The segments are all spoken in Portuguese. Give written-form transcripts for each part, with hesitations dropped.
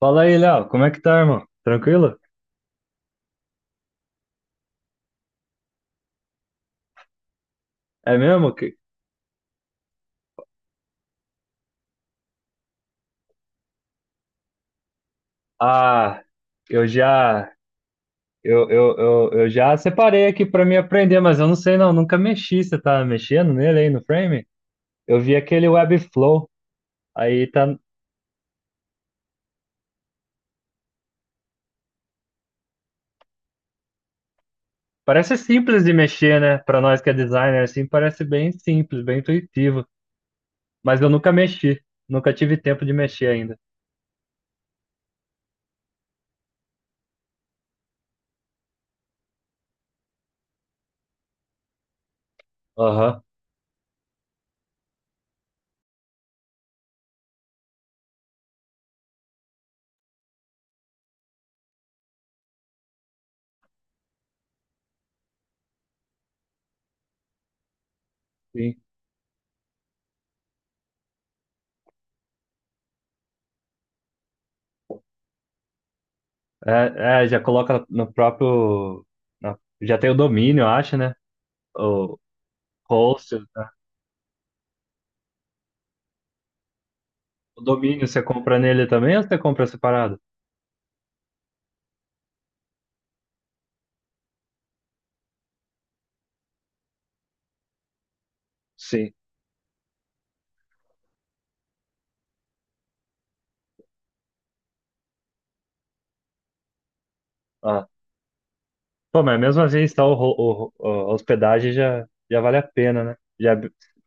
Fala aí, Léo, como é que tá, irmão? Tranquilo? É mesmo que ah, eu já eu já separei aqui pra me aprender, mas eu não sei não, nunca mexi, você tá mexendo nele aí no frame? Eu vi aquele Webflow, aí tá parece simples de mexer, né? Pra nós que é designer assim, parece bem simples, bem intuitivo, mas eu nunca mexi, nunca tive tempo de mexer ainda. Aham, sim. É, é, já coloca no próprio já tem o domínio, eu acho, né? O host, é. O domínio você compra nele também ou você compra separado? Sim. Ah. Pô, mas mesmo assim, está o, ro- o- a hospedagem já, já vale a pena, né? Já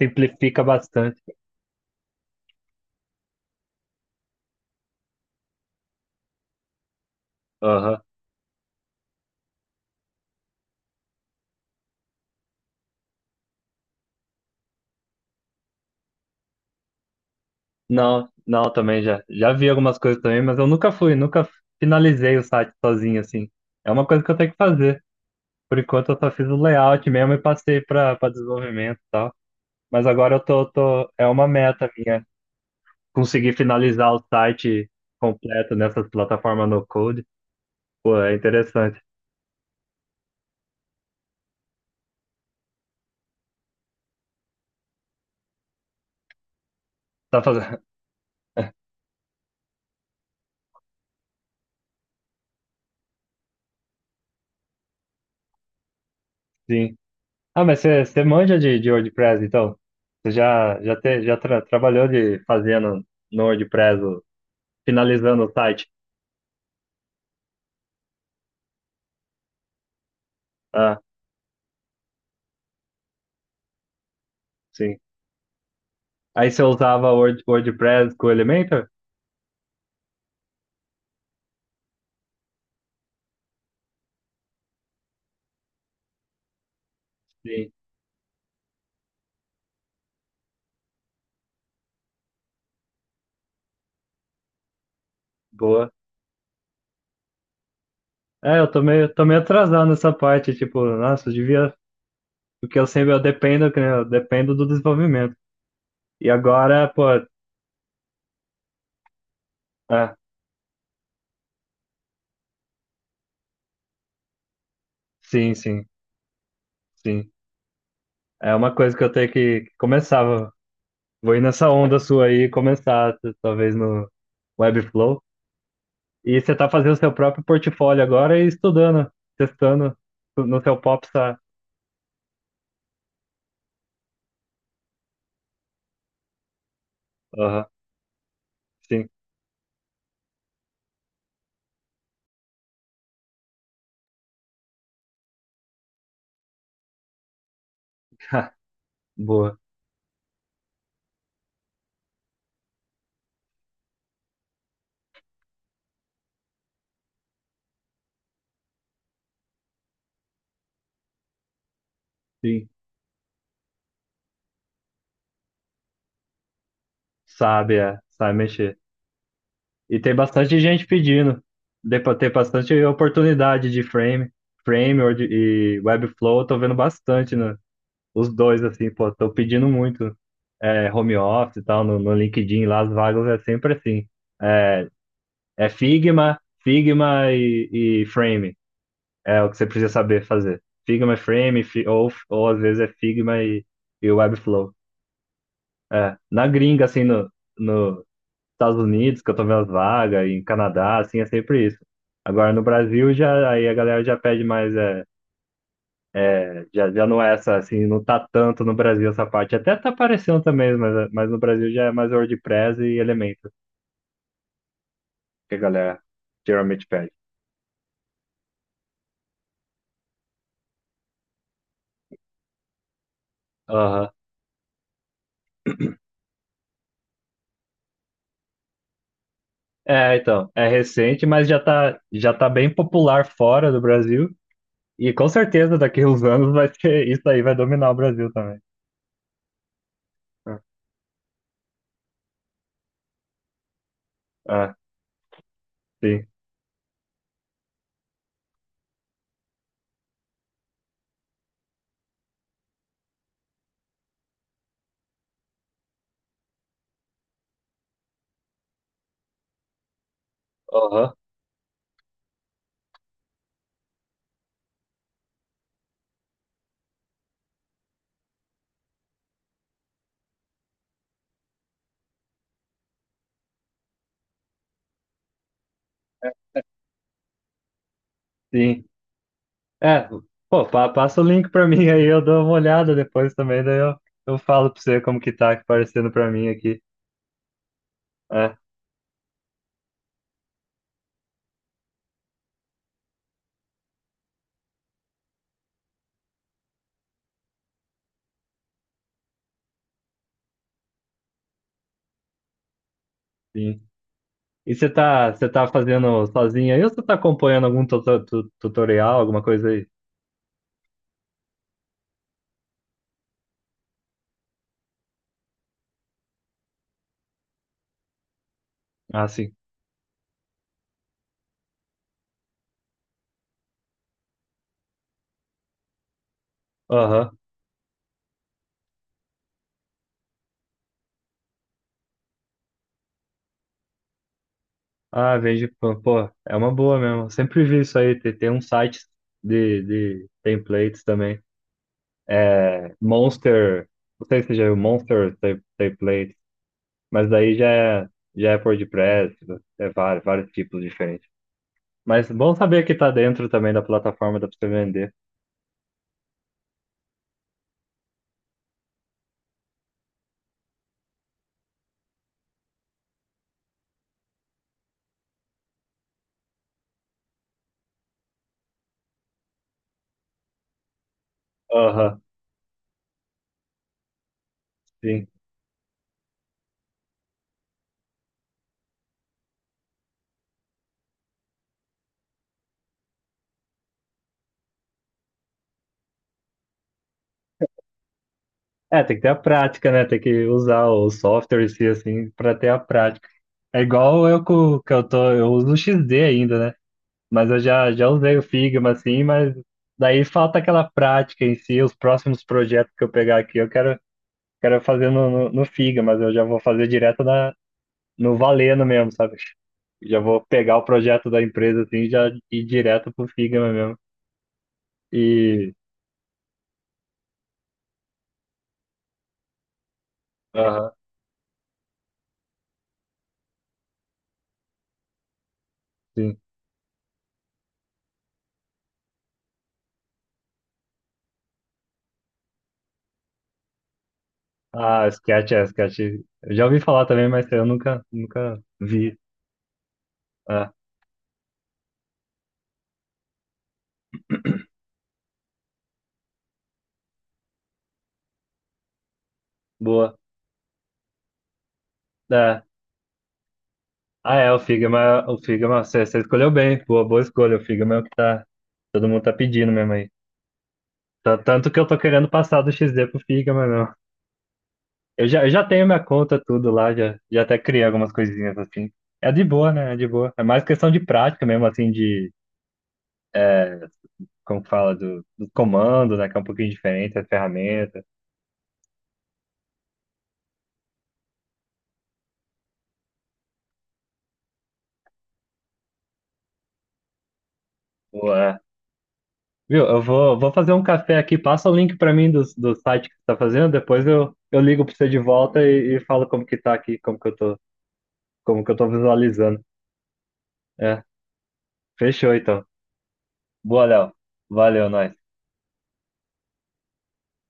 simplifica bastante. Aham. Não, não, também já. Já vi algumas coisas também, mas eu nunca fui, nunca finalizei o site sozinho, assim. É uma coisa que eu tenho que fazer. Por enquanto, eu só fiz o layout mesmo e passei para desenvolvimento e tal. Mas agora eu tô, é uma meta minha, conseguir finalizar o site completo nessas plataformas no code. Pô, é interessante. Tá fazendo. Sim. Ah, mas você manja de WordPress, então? Você já trabalhou de fazendo no WordPress, finalizando o site? Ah, sim. Aí você usava Word, WordPress com o Elementor? Sim. Boa. É, eu tô meio atrasado nessa parte, tipo, nossa, eu devia. Porque eu sempre eu dependo, que nem eu dependo do desenvolvimento. E agora, pô. Ah, sim, sim, sim. É uma coisa que eu tenho que começar. Vou ir nessa onda sua aí e começar, talvez no Webflow. E você tá fazendo seu próprio portfólio agora e estudando, testando no seu popstar. Aham, sim. Boa. Sim. Sabe, é, sabe mexer. E tem bastante gente pedindo. Dê pra ter bastante oportunidade de frame, e Webflow, eu tô vendo bastante, né? Os dois, assim, pô, tô pedindo muito. É, home office e tal, no, no LinkedIn lá, as vagas é sempre assim. É, é Figma, Figma e Frame. É o que você precisa saber fazer. Figma, e Frame, ou às vezes é Figma e Webflow. É. Na gringa, assim, no, no Estados Unidos, que eu tô vendo as vagas, e em Canadá, assim, é sempre isso. Agora no Brasil já aí a galera já pede mais, é, já, já não é essa, assim, não tá tanto no Brasil essa parte. Até tá aparecendo também, mas no Brasil já é mais WordPress e Elementor que a galera geralmente pede. Aham. É, então, é recente, mas já tá bem popular fora do Brasil. E com certeza daqui uns anos vai ser, isso aí vai dominar o Brasil também. Ah, sim. Aham, sim. É, pô, passa o link pra mim aí, eu dou uma olhada depois também, daí eu falo pra você como que tá aparecendo pra mim aqui. É, sim. E você tá fazendo sozinho aí ou você tá acompanhando algum tutorial, alguma coisa aí? Ah, sim. Aham. Ah, vejo, pô, pô, é uma boa mesmo. Eu sempre vi isso aí. Tem, tem um site de templates também. É Monster. Não sei se você já viu Monster Templates, mas daí já é por WordPress, é vários, vários tipos diferentes. Mas bom saber que tá dentro também da plataforma, dá pra você vender. Aham, sim. É, tem que ter a prática, né? Tem que usar o software em si, assim, pra ter a prática. É igual eu que eu tô, eu uso o XD ainda, né? Mas eu já, já usei o Figma, assim, mas daí falta aquela prática em si. Os próximos projetos que eu pegar aqui, eu quero, quero fazer no, no, no Figma, mas eu já vou fazer direto na, no Valeno mesmo, sabe? Já vou pegar o projeto da empresa, assim, e já ir direto pro Figma mesmo. E, aham, sim. Ah, Sketch, é, Sketch. Eu já ouvi falar também, mas eu nunca, nunca vi. Ah, boa. É. Ah, é, o Figma, você, você escolheu bem, boa, boa escolha, o Figma é o que tá, todo mundo tá pedindo mesmo aí. Tanto que eu tô querendo passar do XD pro Figma, não. Eu já tenho minha conta, tudo lá, já, já até criei algumas coisinhas assim. É de boa, né, é de boa. É mais questão de prática mesmo, assim, de, como fala, do, do comando, né, que é um pouquinho diferente, a ferramenta. Boa. É. Viu, eu vou, vou fazer um café aqui, passa o link pra mim do, do site que você tá fazendo, depois eu ligo pra você de volta e falo como que tá aqui, como que eu tô, como que eu tô visualizando. É, fechou então. Boa, Léo. Valeu, nós.